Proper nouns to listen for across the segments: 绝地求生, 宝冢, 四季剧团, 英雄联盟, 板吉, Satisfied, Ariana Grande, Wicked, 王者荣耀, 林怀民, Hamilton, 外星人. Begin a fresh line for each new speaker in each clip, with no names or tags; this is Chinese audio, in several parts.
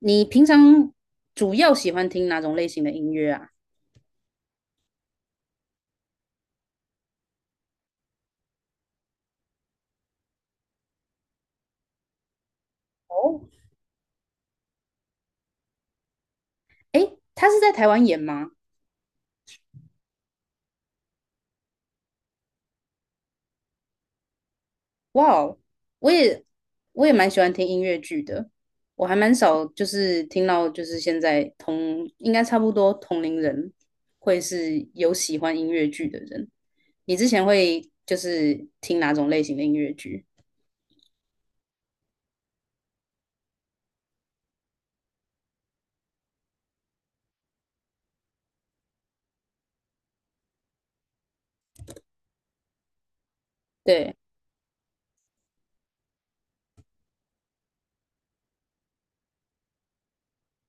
你平常主要喜欢听哪种类型的音乐啊？哦，诶，他是在台湾演吗？哇哦。我也我也蛮喜欢听音乐剧的，我还蛮少就是听到就是现在同应该差不多同龄人会是有喜欢音乐剧的人。你之前会就是听哪种类型的音乐剧？对，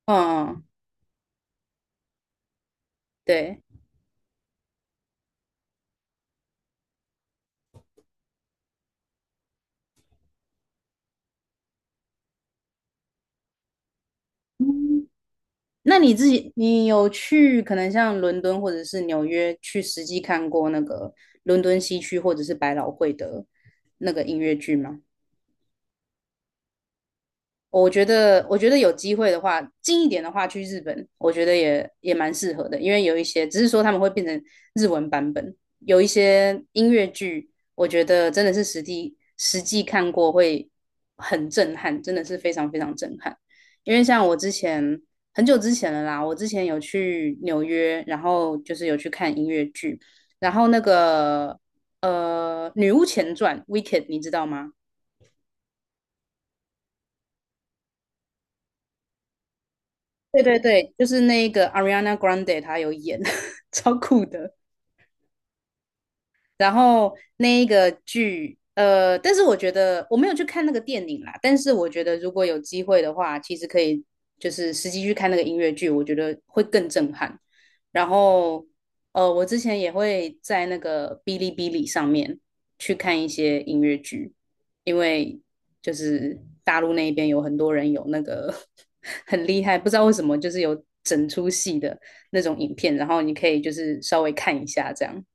嗯，对。那你自己，你有去可能像伦敦或者是纽约去实际看过那个伦敦西区或者是百老汇的那个音乐剧吗？我觉得，有机会的话，近一点的话去日本，我觉得也蛮适合的，因为有一些只是说他们会变成日文版本，有一些音乐剧，我觉得真的是实地实际看过会很震撼，真的是非常非常震撼。因为像我之前很久之前了啦，我之前有去纽约，然后就是有去看音乐剧，然后那个《女巫前传》(Wicked) 你知道吗？对对对，就是那个 Ariana Grande，她有演，超酷的。然后那一个剧，但是我觉得我没有去看那个电影啦，但是我觉得如果有机会的话，其实可以就是实际去看那个音乐剧，我觉得会更震撼。然后，我之前也会在那个哔哩哔哩上面去看一些音乐剧，因为就是大陆那边有很多人有那个 很厉害，不知道为什么就是有整出戏的那种影片，然后你可以就是稍微看一下这样。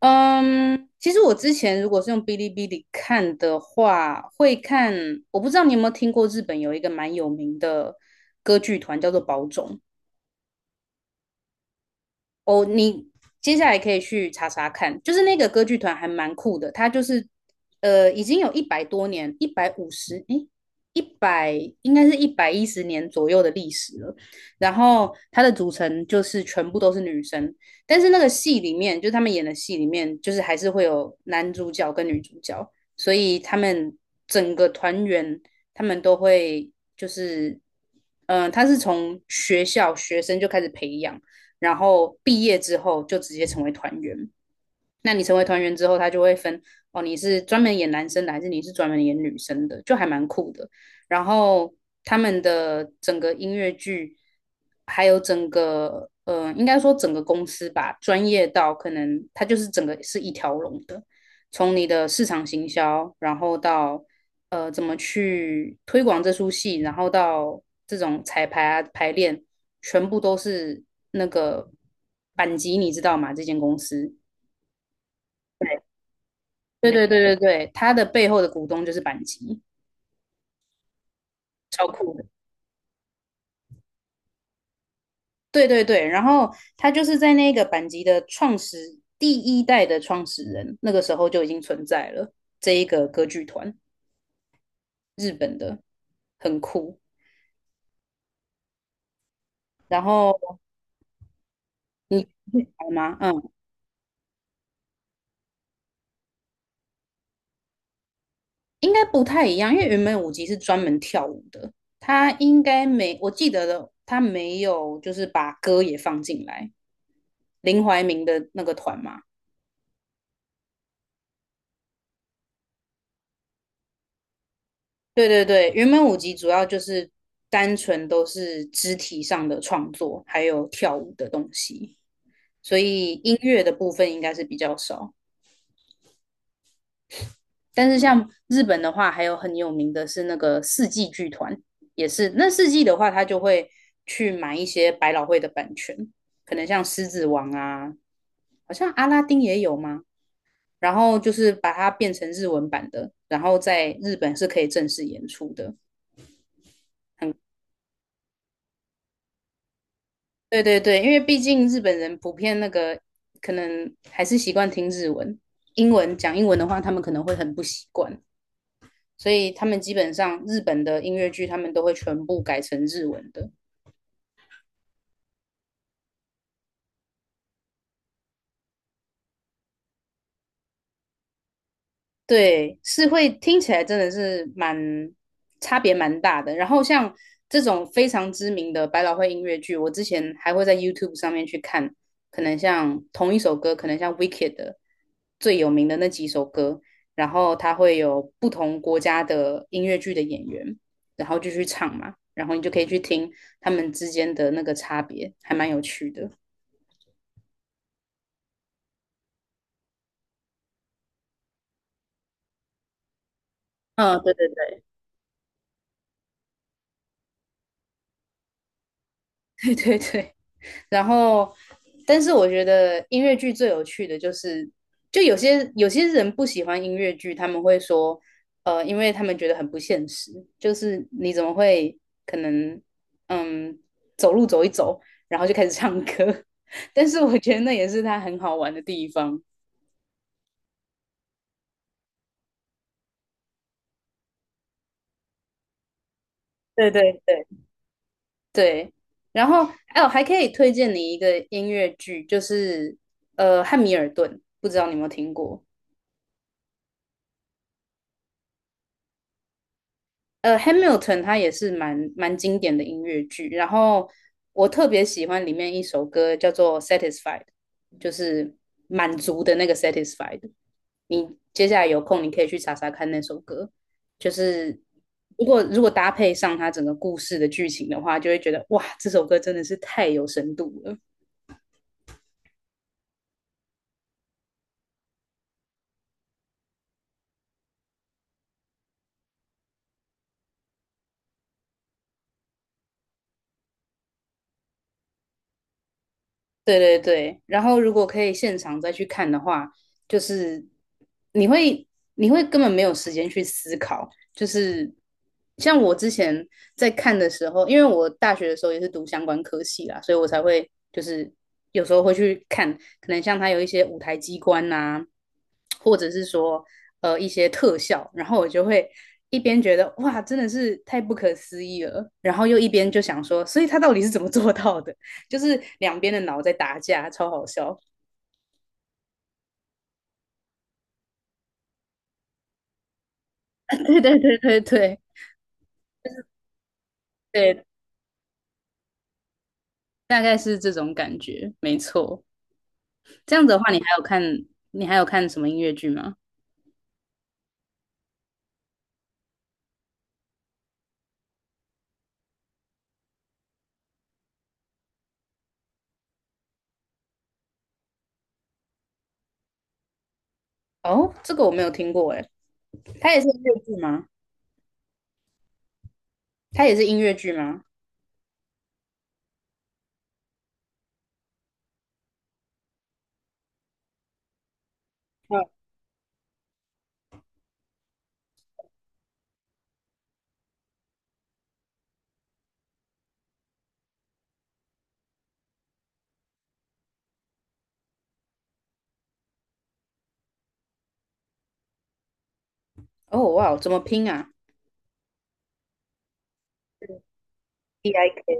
嗯，其实我之前如果是用哔哩哔哩看的话，会看，我不知道你有没有听过日本有一个蛮有名的歌剧团叫做宝冢，哦，你接下来可以去查查看，就是那个歌剧团还蛮酷的，它就是已经有100多年，150，诶，一百应该是110年左右的历史了。然后它的组成就是全部都是女生，但是那个戏里面，就是他们演的戏里面，就是还是会有男主角跟女主角，所以他们整个团员他们都会就是，他是从学校学生就开始培养。然后毕业之后就直接成为团员。那你成为团员之后，他就会分哦，你是专门演男生的，还是你是专门演女生的，就还蛮酷的。然后他们的整个音乐剧，还有整个应该说整个公司吧，专业到可能它就是整个是一条龙的，从你的市场行销，然后到怎么去推广这出戏，然后到这种彩排啊排练，全部都是那个板级，你知道吗？这间公司。对对对对对，他的背后的股东就是板吉，超酷的。对对对，然后他就是在那个板吉的创始第一代的创始人，那个时候就已经存在了这一个歌剧团，日本的，很酷。然后你会猜吗？嗯，应该不太一样，因为原本舞集是专门跳舞的，他应该没，我记得的，他没有就是把歌也放进来。林怀民的那个团嘛，对对对，原本舞集主要就是单纯都是肢体上的创作，还有跳舞的东西，所以音乐的部分应该是比较少。但是像日本的话，还有很有名的是那个四季剧团，也是那四季的话，他就会去买一些百老汇的版权，可能像《狮子王》啊，好像阿拉丁也有吗？然后就是把它变成日文版的，然后在日本是可以正式演出的。对对对，因为毕竟日本人普遍那个可能还是习惯听日文，英文讲英文的话，他们可能会很不习惯，所以他们基本上日本的音乐剧他们都会全部改成日文的。对，是会听起来真的是蛮差别蛮大的。然后像这种非常知名的百老汇音乐剧，我之前还会在 YouTube 上面去看，可能像同一首歌，可能像 Wicked 的最有名的那几首歌，然后它会有不同国家的音乐剧的演员，然后就去唱嘛，然后你就可以去听他们之间的那个差别，还蛮有趣的。嗯，对对对 对对对。然后，但是我觉得音乐剧最有趣的就是，就有些人不喜欢音乐剧，他们会说，因为他们觉得很不现实，就是你怎么会可能，嗯，走路走一走，然后就开始唱歌？但是我觉得那也是它很好玩的地方。对对对对，然后哎，我还可以推荐你一个音乐剧，就是《汉密尔顿》，不知道你有没有听过？《Hamilton》它也是蛮经典的音乐剧，然后我特别喜欢里面一首歌叫做《Satisfied》，就是满足的那个 Satisfied。你接下来有空，你可以去查查看那首歌，就是如果搭配上它整个故事的剧情的话，就会觉得哇，这首歌真的是太有深度了。对对对，然后如果可以现场再去看的话，就是你会你会根本没有时间去思考，就是像我之前在看的时候，因为我大学的时候也是读相关科系啦，所以我才会就是有时候会去看，可能像它有一些舞台机关呐、或者是说一些特效，然后我就会一边觉得哇真的是太不可思议了，然后又一边就想说，所以他到底是怎么做到的？就是两边的脑在打架，超好笑。对对对对对对，大概是这种感觉，没错。这样子的话，你还有看什么音乐剧吗？哦，这个我没有听过哎，它也是音乐剧吗？它也是音乐剧吗？嗯，哦哇，怎么拼啊？D I K，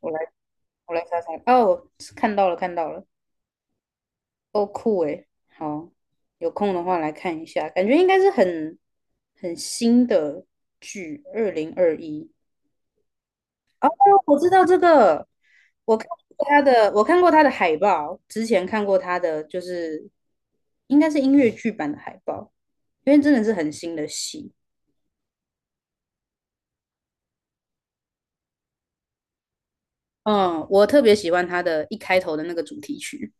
我来我来查查。哦，看到了看到了，哦酷哎，好，有空的话来看一下，感觉应该是很新的剧，2021。我知道这个，我看我看过他的海报，之前看过他的，就是应该是音乐剧版的海报，因为真的是很新的戏。嗯，我特别喜欢他的一开头的那个主题曲。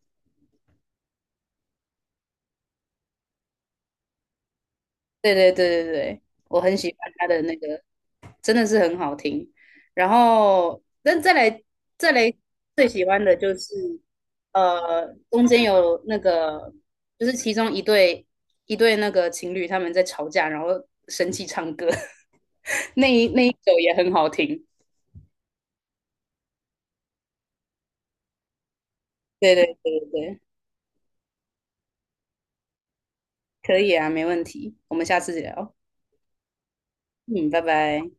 对对对对对，我很喜欢他的那个，真的是很好听。然后，但再来最喜欢的就是，中间有那个，就是其中一对那个情侣他们在吵架，然后生气唱歌，那一首也很好听。对对对对对，可以啊，没问题，我们下次聊。嗯，拜拜。